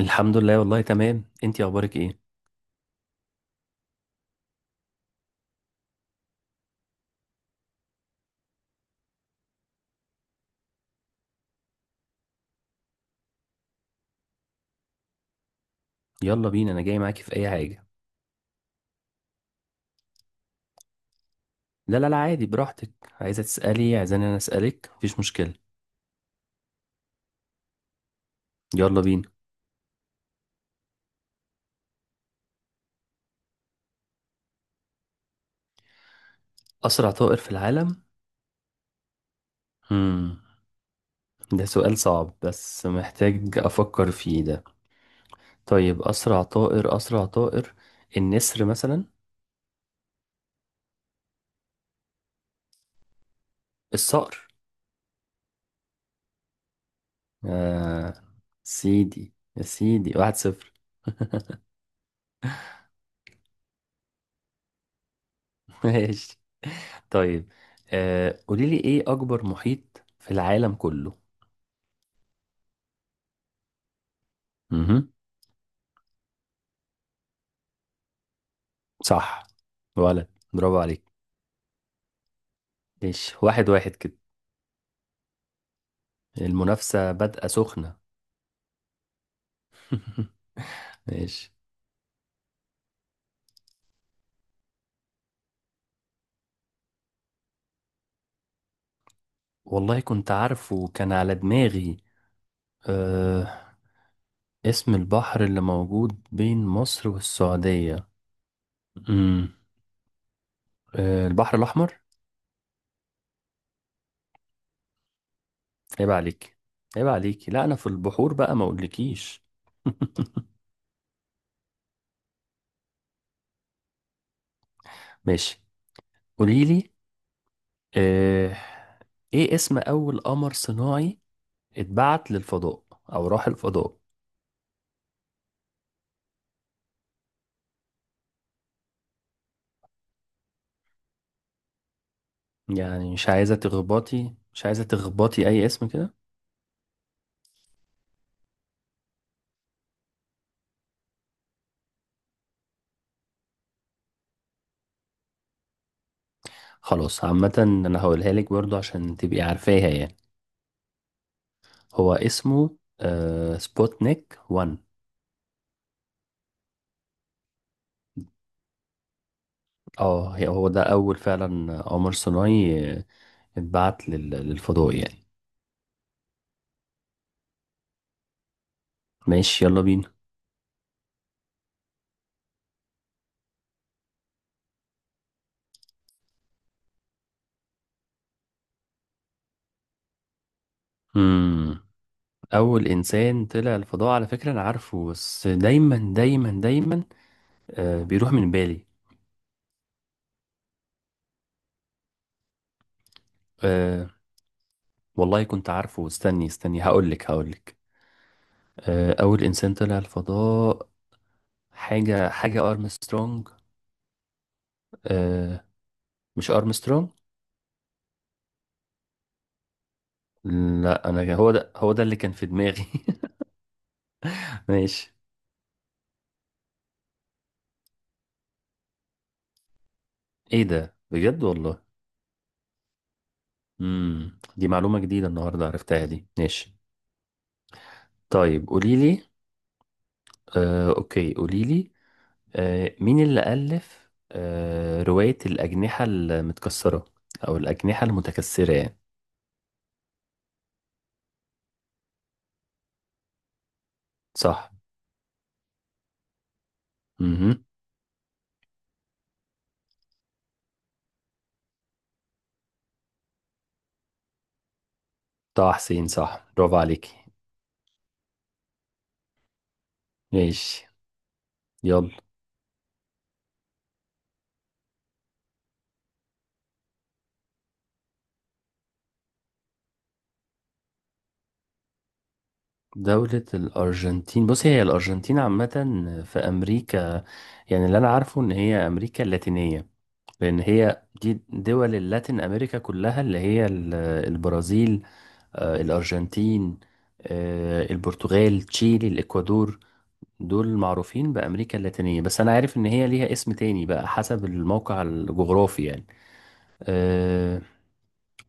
الحمد لله، والله تمام. انتي اخبارك ايه؟ يلا بينا، انا جاي معاكي في اي حاجه. لا لا لا، عادي براحتك. عايزه تسالي، عايزاني انا اسالك، مفيش مشكله. يلا بينا. اسرع طائر في العالم. امم ده سؤال صعب، بس محتاج افكر فيه ده. طيب اسرع طائر، اسرع طائر. النسر مثلا. الصقر. آه سيدي يا سيدي، 1-0. ماشي، طيب. قوليلي ايه اكبر محيط في العالم كله؟ مهم. صح. ولد برافو عليك. ماشي، 1-1 كده. المنافسة بادئة سخنة. ماشي. والله كنت عارفه، كان على دماغي. أه اسم البحر اللي موجود بين مصر والسعودية. امم البحر الأحمر. عيب عليك، عيب عليك، لا أنا في البحور بقى ما أقولكيش. ماشي قوليلي. أه إيه اسم أول قمر صناعي اتبعت للفضاء، أو راح الفضاء؟ يعني مش عايزة تخبطي، مش عايزة تخبطي أي اسم كده. خلاص، عامة أنا هقولها لك برضو عشان تبقي عارفاها يعني. هو اسمه سبوتنيك 1. اه، هو ده أول فعلا، قمر صناعي، اتبعت للفضاء يعني. ماشي يلا بينا. مم. أول إنسان طلع الفضاء على فكرة أنا عارفه، بس دايما دايما دايما بيروح من بالي. آه والله كنت عارفه، استني استني، هقولك. أول إنسان طلع الفضاء، حاجة أرمسترونج. آه، مش أرمسترونج. لا أنا هو ده اللي كان في دماغي. ماشي. إيه ده بجد والله؟ دي معلومة جديدة النهاردة عرفتها دي، ماشي. طيب قولي لي. أوكي قولي لي. مين اللي ألف رواية الأجنحة المتكسرة، أو الأجنحة المتكسرة يعني؟ صح. امم طه حسين، صح برافو عليكي. ماشي يلا. دولة الأرجنتين بص هي الأرجنتين عامة في أمريكا، يعني اللي أنا عارفه إن هي أمريكا اللاتينية. لأن هي دي دول اللاتين أمريكا كلها، اللي هي البرازيل، الأرجنتين، البرتغال، تشيلي، الإكوادور. دول معروفين بأمريكا اللاتينية، بس أنا عارف إن هي ليها اسم تاني بقى حسب الموقع الجغرافي يعني. آه،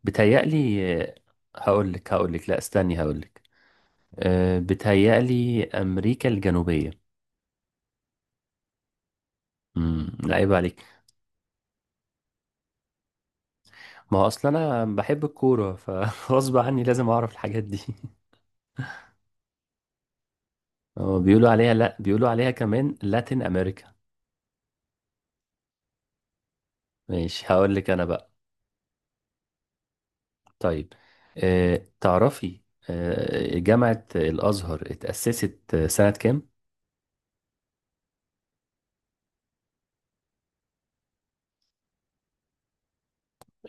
بتهيألي هقولك، لا استني هقولك. بتهيألي أمريكا الجنوبية. لا عيب عليك. ما هو اصلا انا بحب الكوره، فغصب عني لازم اعرف الحاجات دي. هو بيقولوا عليها، لا بيقولوا عليها كمان لاتين امريكا. ماشي هقول لك انا بقى. طيب، تعرفي، جامعه الازهر اتاسست سنه كام؟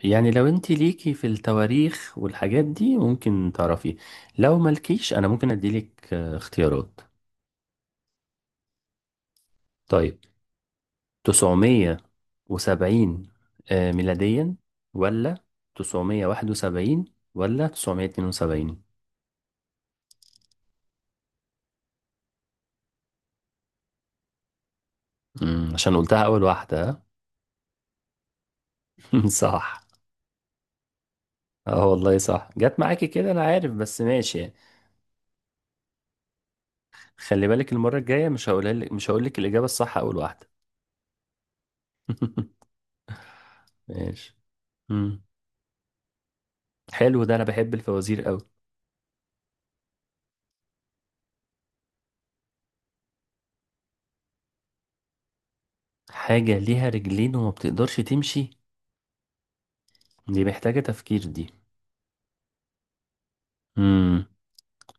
يعني لو انت ليكي في التواريخ والحاجات دي ممكن تعرفي، لو مالكيش انا ممكن اديلك اختيارات. طيب، 970 ميلاديا، ولا 971، ولا 972؟ عشان قلتها أول واحدة ها؟ صح. اه والله صح، جت معاكي كده، أنا عارف بس ماشي يعني. خلي بالك المرة الجاية مش هقولها لك، مش هقول لك الإجابة الصح أول واحدة. ماشي. مم. حلو ده، أنا بحب الفوازير أوي. حاجة ليها رجلين وما بتقدرش تمشي. دي محتاجة تفكير دي. مم.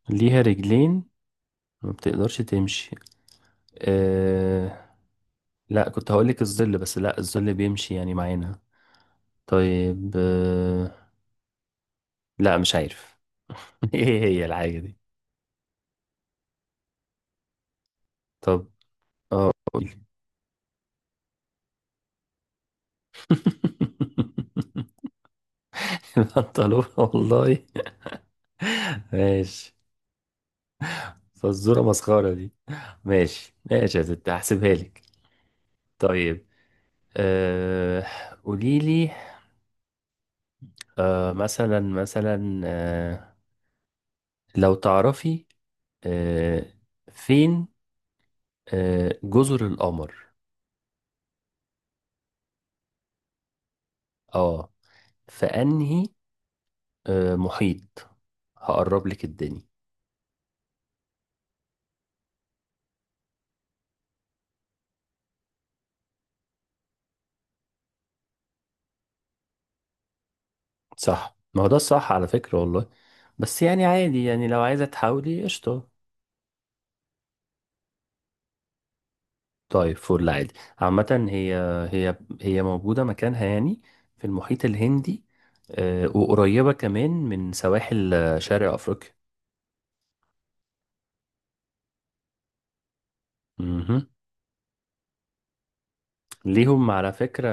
ليها رجلين، ما بتقدرش تمشي. أه، لا كنت هقولك الظل، بس لا الظل بيمشي يعني معانا. طيب، لا مش عارف. ايه هي الحاجة دي؟ طب، اه قولي. البنطلون والله. ماشي. فالزورة مسخرة دي. ماشي ماشي يا ستي، هحسبها لك. طيب، أه قولي لي. مثلا مثلا، لو تعرفي، أه فين جزر القمر؟ اه، في انهي محيط؟ هقرب لك الدنيا. صح، ما هو ده الصح على فكرة والله. بس يعني عادي يعني لو عايزة تحاولي قشطة. طيب فل عادي. عامة هي هي موجودة مكانها يعني في المحيط الهندي، وقريبة كمان من سواحل شرق أفريقيا. مهم. ليهم على فكرة،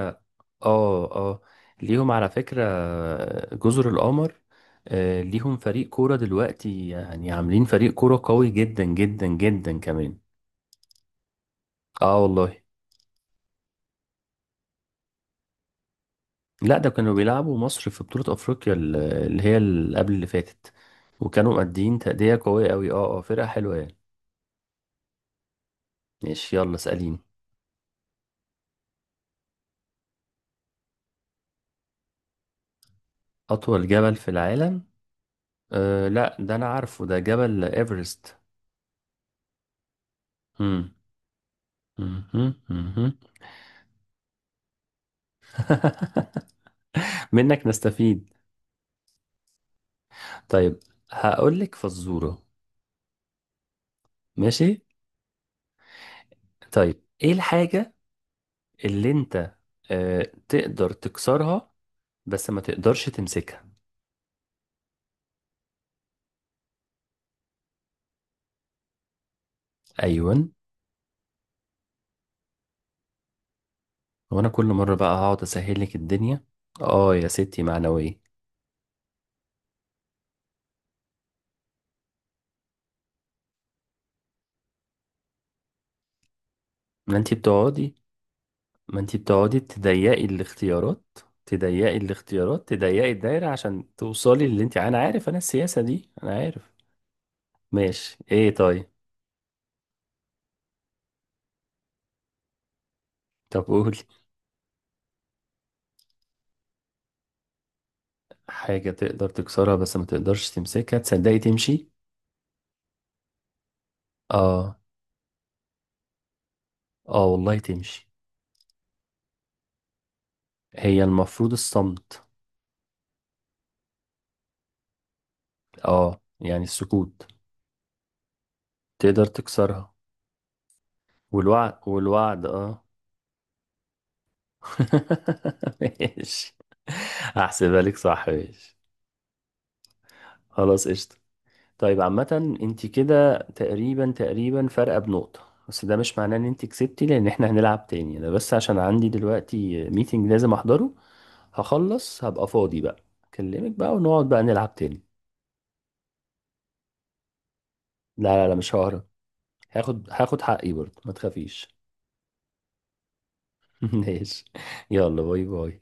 اه اه ليهم على فكرة جزر القمر، ليهم فريق كورة دلوقتي، يعني عاملين فريق كورة قوي جدا جدا جدا كمان. اه والله. لا ده كانوا بيلعبوا مصر في بطولة افريقيا اللي هي اللي قبل اللي فاتت. وكانوا مادين تأدية قوية قوي، اه اه، فرقة حلوة يعني. ماشي يلا اسأليني. اطول جبل في العالم؟ أه لا ده انا عارفه، ده جبل ايفرست. مم. مهم. مهم. منك نستفيد. طيب هقول لك فزورة. ماشي. طيب ايه الحاجة اللي انت تقدر تكسرها بس ما تقدرش تمسكها؟ ايوه. هو انا كل مره بقى هقعد اسهل لك الدنيا. اه يا ستي معنويه. ما انتي بتقعدي ما انتي بتقعدي تضيقي الاختيارات تضيقي الدايره عشان توصلي اللي انتي انا عارف انا السياسه دي انا عارف. ماشي ايه طيب. طب قولي. حاجه تقدر تكسرها بس ما تقدرش تمسكها، تصدقي تمشي. اه اه والله تمشي. هي المفروض الصمت. اه يعني السكوت. تقدر تكسرها. والوعد اه. ماشي. هحسبها لك صح، ماشي. خلاص قشطة. طيب عامة انت كده تقريبا تقريبا فارقة بنقطة، بس ده مش معناه ان انت كسبتي، لان احنا هنلعب تاني. انا بس عشان عندي دلوقتي ميتنج لازم احضره، هخلص هبقى فاضي بقى، اكلمك بقى ونقعد بقى نلعب تاني. لا لا لا مش ههرب. هاخد حقي برضه، ما تخافيش. ماشي. يلا باي باي.